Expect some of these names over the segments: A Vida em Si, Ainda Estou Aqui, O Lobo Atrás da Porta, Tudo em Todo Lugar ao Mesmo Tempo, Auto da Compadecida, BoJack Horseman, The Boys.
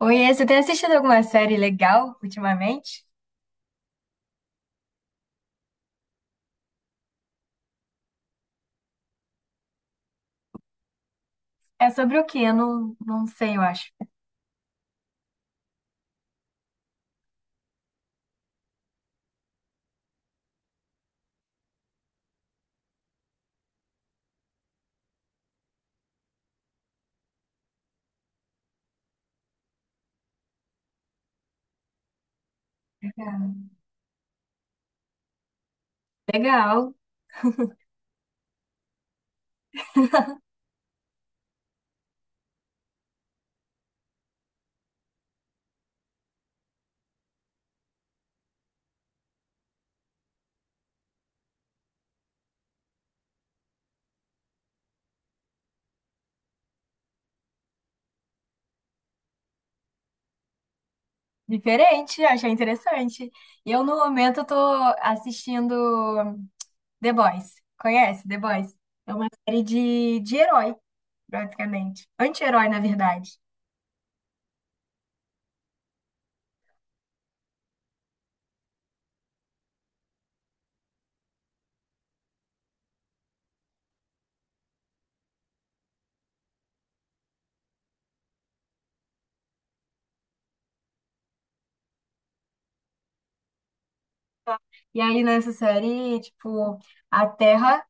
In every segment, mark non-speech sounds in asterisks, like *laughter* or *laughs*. Oiê, você tem assistido alguma série legal ultimamente? É sobre o quê? Eu não sei, eu acho. Legal. *laughs* Legal. Diferente, achei interessante. E eu, no momento, tô assistindo The Boys. Conhece The Boys? É uma série de herói, praticamente. Anti-herói, na verdade. E aí, nessa série, tipo, a Terra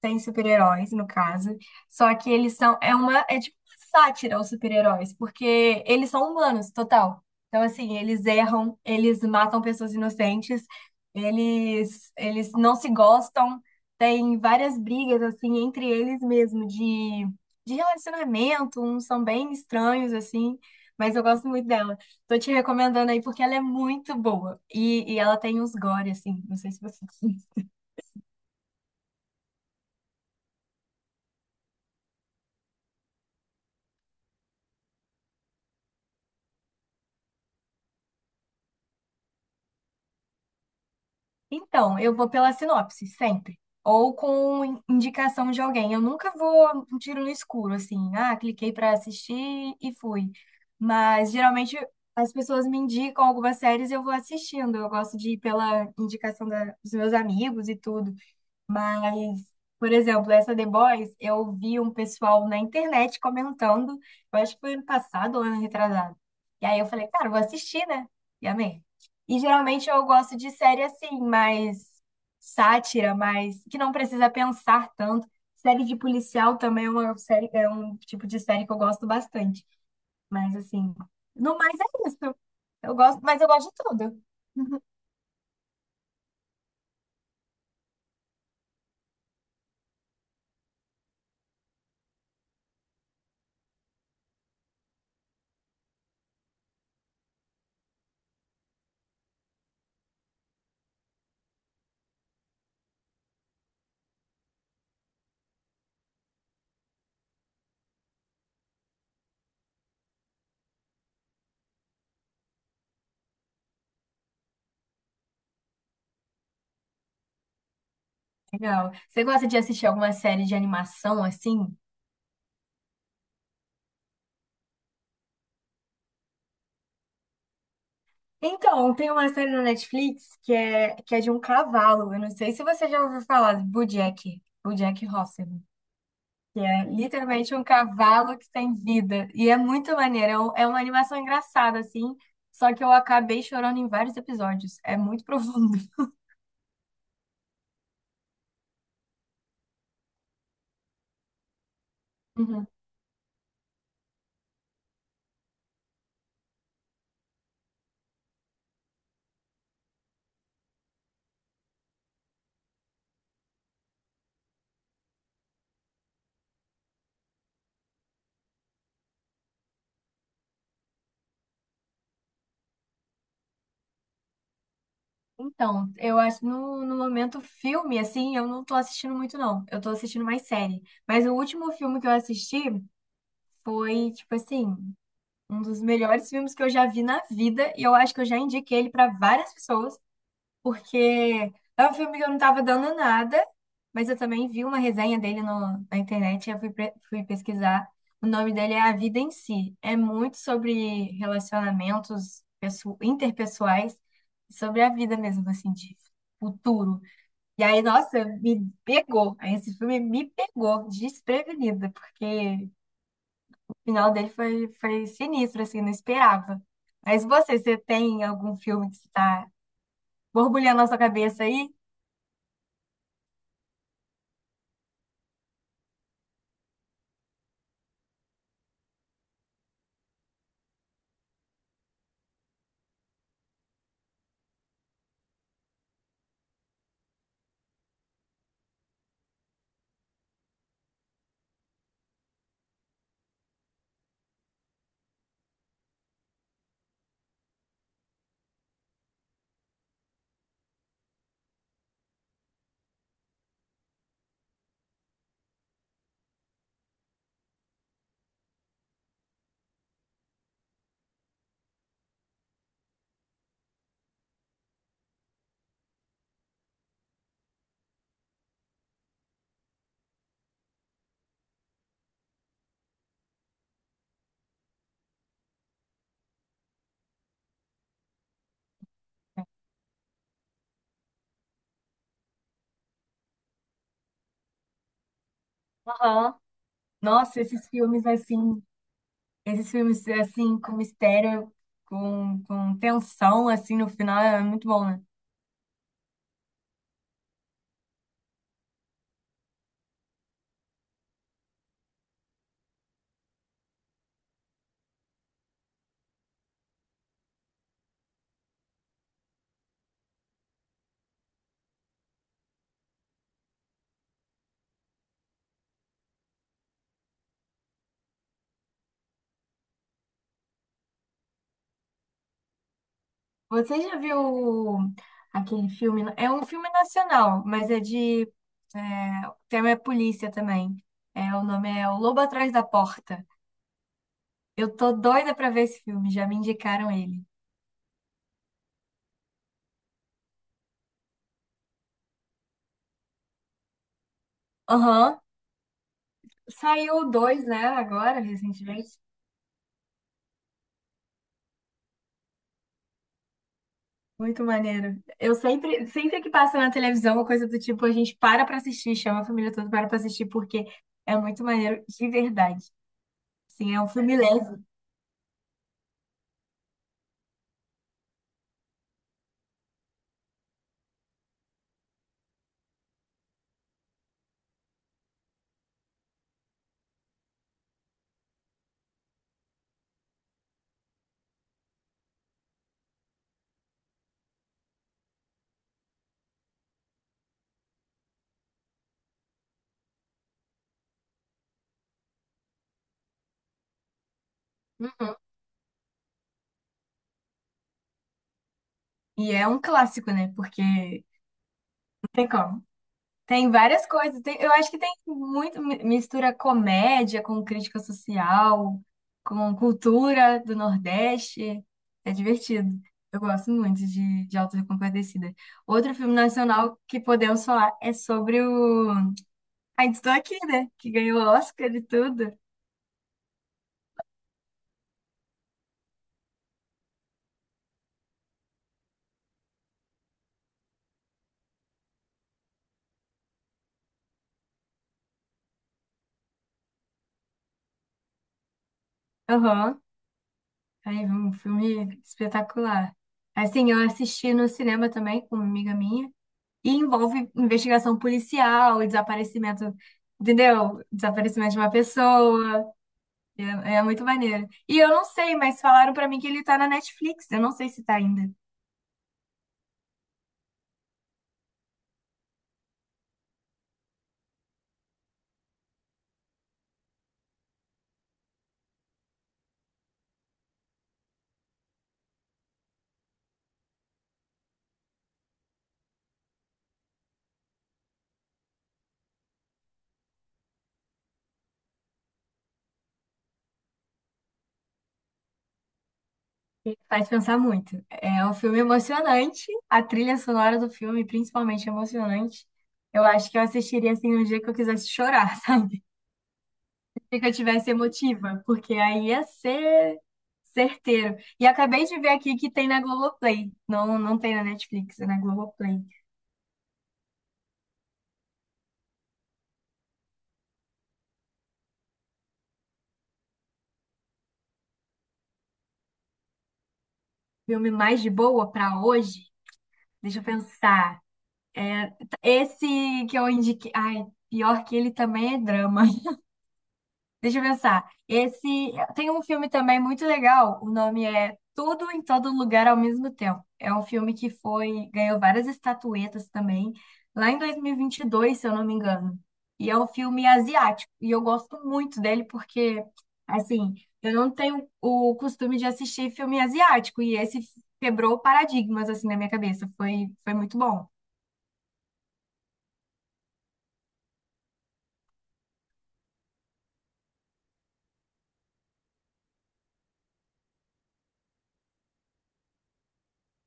tem super-heróis, no caso. Só que eles são. É uma. É tipo uma sátira aos super-heróis, porque eles são humanos, total. Então, assim, eles erram, eles matam pessoas inocentes, eles não se gostam. Tem várias brigas, assim, entre eles mesmo, de relacionamento, uns são bem estranhos, assim. Mas eu gosto muito dela. Tô te recomendando aí porque ela é muito boa. E ela tem uns gore, assim. Não sei se você. *laughs* Então, eu vou pela sinopse, sempre. Ou com indicação de alguém. Eu nunca vou um tiro no escuro, assim. Ah, cliquei pra assistir e fui. Mas geralmente as pessoas me indicam algumas séries e eu vou assistindo. Eu gosto de ir pela indicação da- dos meus amigos e tudo. Mas, por exemplo, essa The Boys, eu vi um pessoal na internet comentando, eu acho que foi ano passado ou ano retrasado. E aí eu falei, cara, eu vou assistir, né? E amei. E geralmente eu gosto de série assim, mais sátira, mais que não precisa pensar tanto. Série de policial também é uma série, é um tipo de série que eu gosto bastante. Mas assim, no mais é isso. Eu gosto, mas eu gosto de tudo. Legal. Você gosta de assistir alguma série de animação assim? Então, tem uma série na Netflix que é de um cavalo. Eu não sei se você já ouviu falar de BoJack, BoJack Horseman, que é literalmente um cavalo que tem vida. E é muito maneiro. É, um- é uma animação engraçada, assim. Só que eu acabei chorando em vários episódios. É muito *laughs* profundo. Uhum. Então, eu acho no momento filme, assim, eu não tô assistindo muito, não. Eu tô assistindo mais série. Mas o último filme que eu assisti foi, tipo assim. Um dos melhores filmes que eu já vi na vida, e eu acho que eu já indiquei ele para várias pessoas, porque é um filme que eu não estava dando nada, mas eu também vi uma resenha dele no- na internet, e eu fui, pre- fui pesquisar. O nome dele é A Vida em Si. É muito sobre relacionamentos pesso- interpessoais, sobre a vida mesmo, assim, de futuro. E aí, nossa, me pegou. Aí esse filme me pegou desprevenida, porque o final dele foi, foi sinistro, assim, não esperava. Mas você, você tem algum filme que está borbulhando na sua cabeça aí? Aham. Nossa, esses filmes assim, com mistério, com tensão, assim, no final é muito bom, né? Você já viu aquele filme? É um filme nacional, mas é de. É, o tema é polícia também. É, o nome é O Lobo Atrás da Porta. Eu tô doida pra ver esse filme, já me indicaram ele. Aham. Saiu dois, né? Agora, recentemente. Muito maneiro. Eu sempre, sempre que passa na televisão, uma coisa do tipo, a gente para pra assistir, chama a família toda para pra assistir, porque é muito maneiro de verdade. Sim, é um filme leve. Uhum. E é um clássico, né? Porque não tem como. Tem várias coisas. Tem- eu acho que tem muito mi- mistura comédia com crítica social, com cultura do Nordeste. É divertido. Eu gosto muito de Auto da Compadecida. Outro filme nacional que podemos falar é sobre o Ainda Estou Aqui, né? Que ganhou o Oscar e tudo. Aham. Aí, um filme espetacular. Assim, eu assisti no cinema também com uma amiga minha. E envolve investigação policial, e desaparecimento, entendeu? Desaparecimento de uma pessoa. É, é muito maneiro. E eu não sei, mas falaram pra mim que ele tá na Netflix. Eu não sei se tá ainda. Faz pensar muito. É um filme emocionante. A trilha sonora do filme, principalmente, é emocionante. Eu acho que eu assistiria assim um dia que eu quisesse chorar, *laughs* sabe? Que eu tivesse emotiva, porque aí ia ser certeiro. E acabei de ver aqui que tem na Globoplay. Não tem na Netflix, é na Globoplay. Filme mais de boa pra hoje? Deixa eu pensar. É, esse que eu indiquei. Ai, pior que ele também é drama. Deixa eu pensar. Esse tem um filme também muito legal. O nome é Tudo em Todo Lugar ao Mesmo Tempo. É um filme que foi ganhou várias estatuetas também lá em 2022, se eu não me engano. E é um filme asiático e eu gosto muito dele porque assim eu não tenho o costume de assistir filme asiático e esse quebrou paradigmas assim na minha cabeça. Foi muito bom.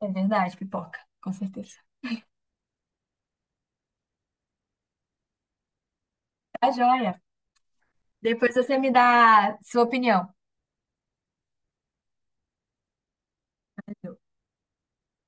É verdade, pipoca, com certeza. Tá joia. Depois você me dá sua opinião.